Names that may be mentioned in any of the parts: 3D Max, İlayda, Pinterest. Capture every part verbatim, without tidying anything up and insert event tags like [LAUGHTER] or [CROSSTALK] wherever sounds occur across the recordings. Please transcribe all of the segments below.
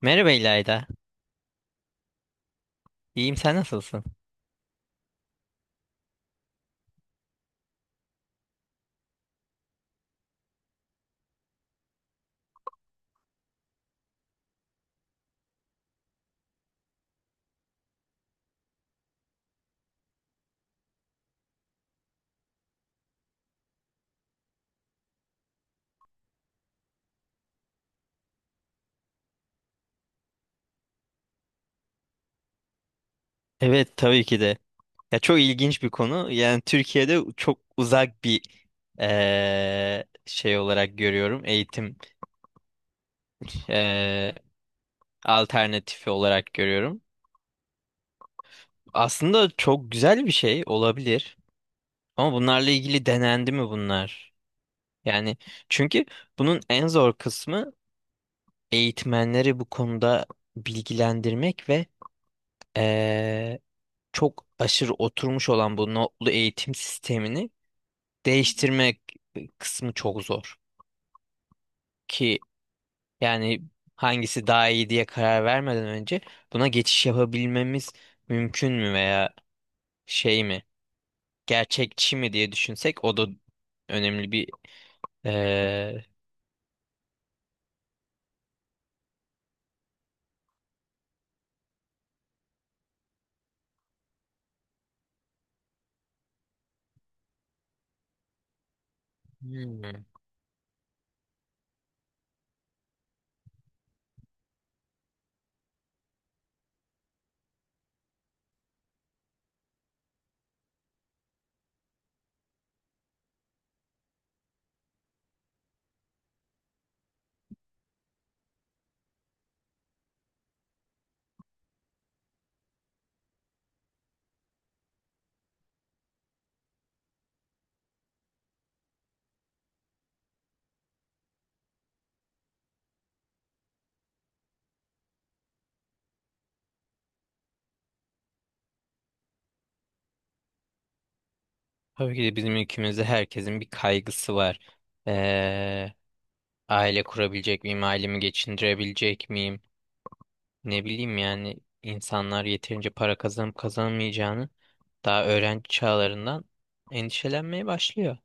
Merhaba İlayda. İyiyim, sen nasılsın? Evet, tabii ki de. Ya çok ilginç bir konu. Yani Türkiye'de çok uzak bir eee, şey olarak görüyorum. Eğitim eee, alternatifi olarak görüyorum. Aslında çok güzel bir şey olabilir. Ama bunlarla ilgili denendi mi bunlar? Yani çünkü bunun en zor kısmı eğitmenleri bu konuda bilgilendirmek ve eee, çok aşırı oturmuş olan bu notlu eğitim sistemini değiştirmek kısmı çok zor. Ki yani hangisi daha iyi diye karar vermeden önce buna geçiş yapabilmemiz mümkün mü veya şey mi, gerçekçi mi diye düşünsek o da önemli bir eee, hmm. Tabii ki de bizim ülkemizde herkesin bir kaygısı var. Eee, Aile kurabilecek miyim, ailemi geçindirebilecek miyim? Ne bileyim, yani insanlar yeterince para kazanıp kazanamayacağını daha öğrenci çağlarından endişelenmeye başlıyor.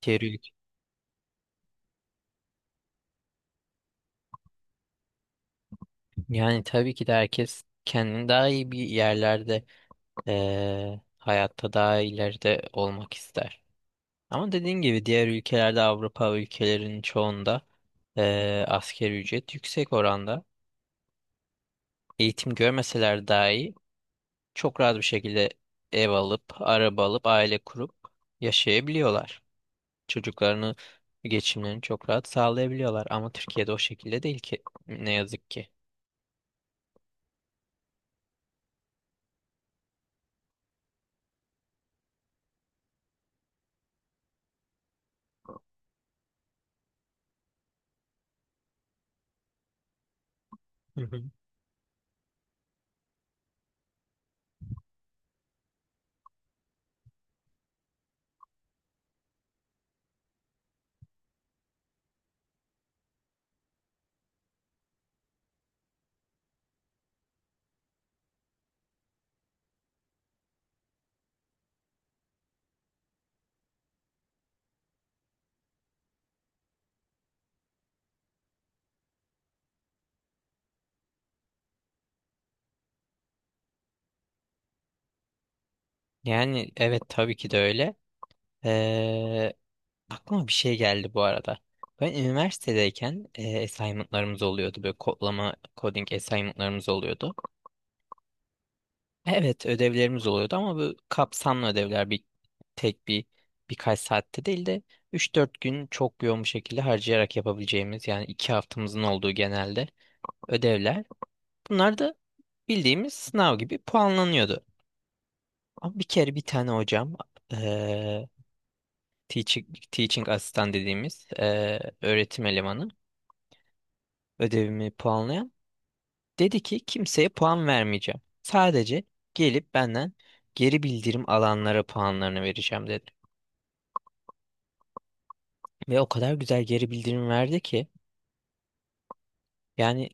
Terörlük. Yani tabii ki de herkes kendini daha iyi bir yerlerde, eee, hayatta daha ileride olmak ister. Ama dediğin gibi diğer ülkelerde, Avrupa ülkelerinin çoğunda eee asgari ücret yüksek oranda. Eğitim görmeseler dahi çok rahat bir şekilde ev alıp, araba alıp, aile kurup yaşayabiliyorlar. Çocuklarını, geçimlerini çok rahat sağlayabiliyorlar ama Türkiye'de o şekilde değil ki, ne yazık ki. Hı hı. Yani evet, tabii ki de öyle. Aklıma bir şey geldi bu arada. Ben üniversitedeyken e, assignment'larımız oluyordu. Böyle kodlama, coding assignment'larımız oluyordu. Evet, ödevlerimiz oluyordu, ama bu kapsamlı ödevler, bir tek bir birkaç saatte değil de üç dört gün çok yoğun bir şekilde harcayarak yapabileceğimiz, yani iki haftamızın olduğu genelde ödevler. Bunlar da bildiğimiz sınav gibi puanlanıyordu. Ama bir kere bir tane hocam, eee teaching, teaching asistan dediğimiz eee, öğretim elemanı, ödevimi puanlayan, dedi ki kimseye puan vermeyeceğim. Sadece gelip benden geri bildirim alanlara puanlarını vereceğim dedi. Ve o kadar güzel geri bildirim verdi ki yani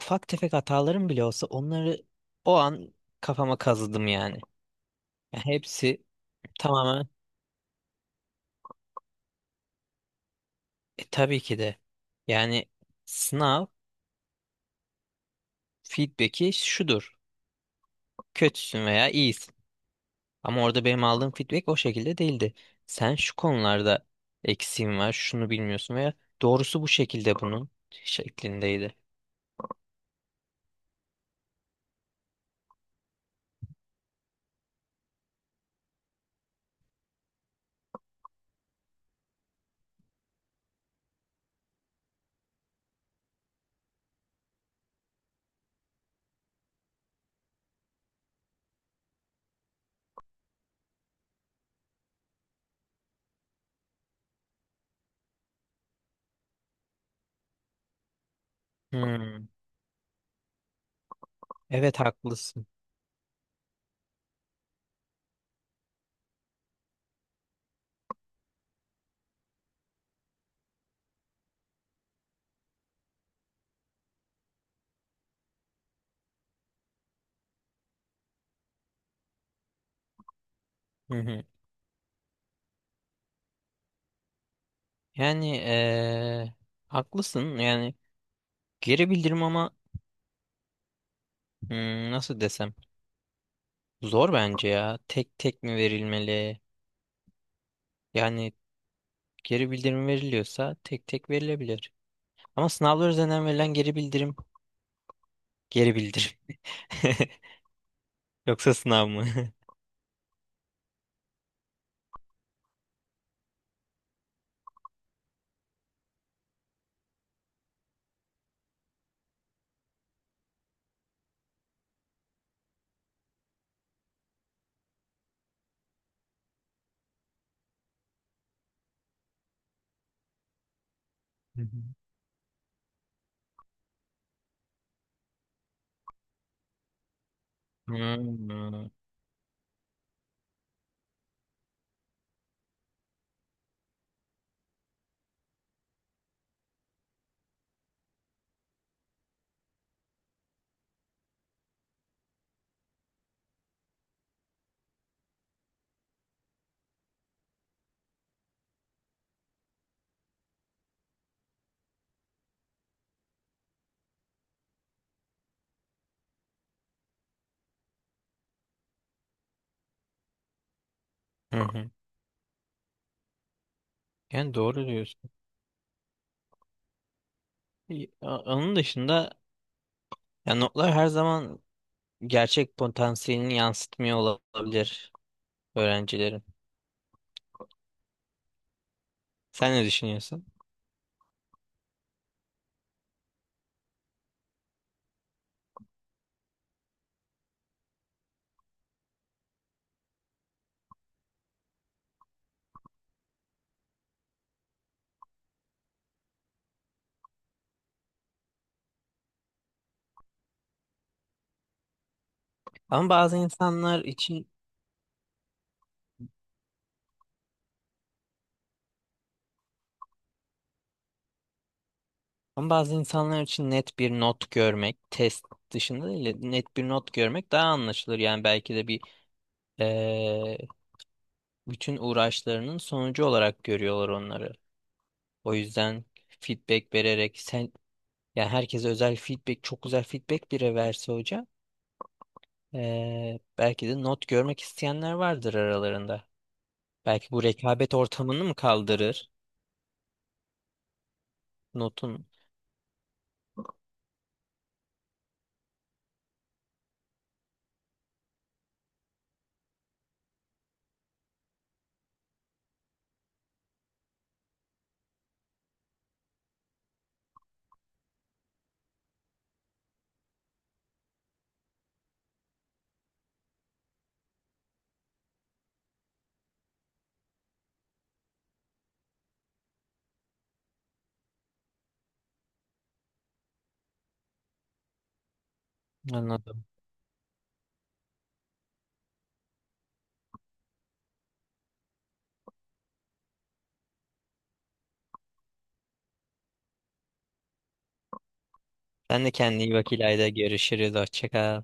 ufak tefek hatalarım bile olsa onları o an kafama kazıdım yani. Yani hepsi tamamen, e, tabii ki de yani sınav feedback'i şudur. Kötüsün veya iyisin. Ama orada benim aldığım feedback o şekilde değildi. Sen şu konularda eksiğin var, şunu bilmiyorsun veya doğrusu bu şekilde, bunun şeklindeydi. Hmm. Evet, haklısın. Hı hı. Yani eee, haklısın. Yani geri bildirim, ama hmm, nasıl desem, zor bence ya. Tek tek mi verilmeli? Yani geri bildirim veriliyorsa tek tek verilebilir. Ama sınavlar üzerinden verilen geri bildirim geri bildirim. [LAUGHS] Yoksa sınav mı? [LAUGHS] Hmm. Hı hı. Yani doğru diyorsun. İyi, a- onun dışında ya notlar her zaman gerçek potansiyelini yansıtmıyor olabilir öğrencilerin. Sen ne düşünüyorsun? Ama bazı insanlar için Ama bazı insanlar için net bir not görmek, test dışında değil, de net bir not görmek daha anlaşılır. Yani belki de bir eee, bütün uğraşlarının sonucu olarak görüyorlar onları. O yüzden feedback vererek sen, yani herkese özel feedback, çok güzel feedback bile verse hoca, eee, belki de not görmek isteyenler vardır aralarında. Belki bu rekabet ortamını mı kaldırır? Notun. Anladım. Sen de kendine iyi bak İlayda. Görüşürüz. Hoşça kal.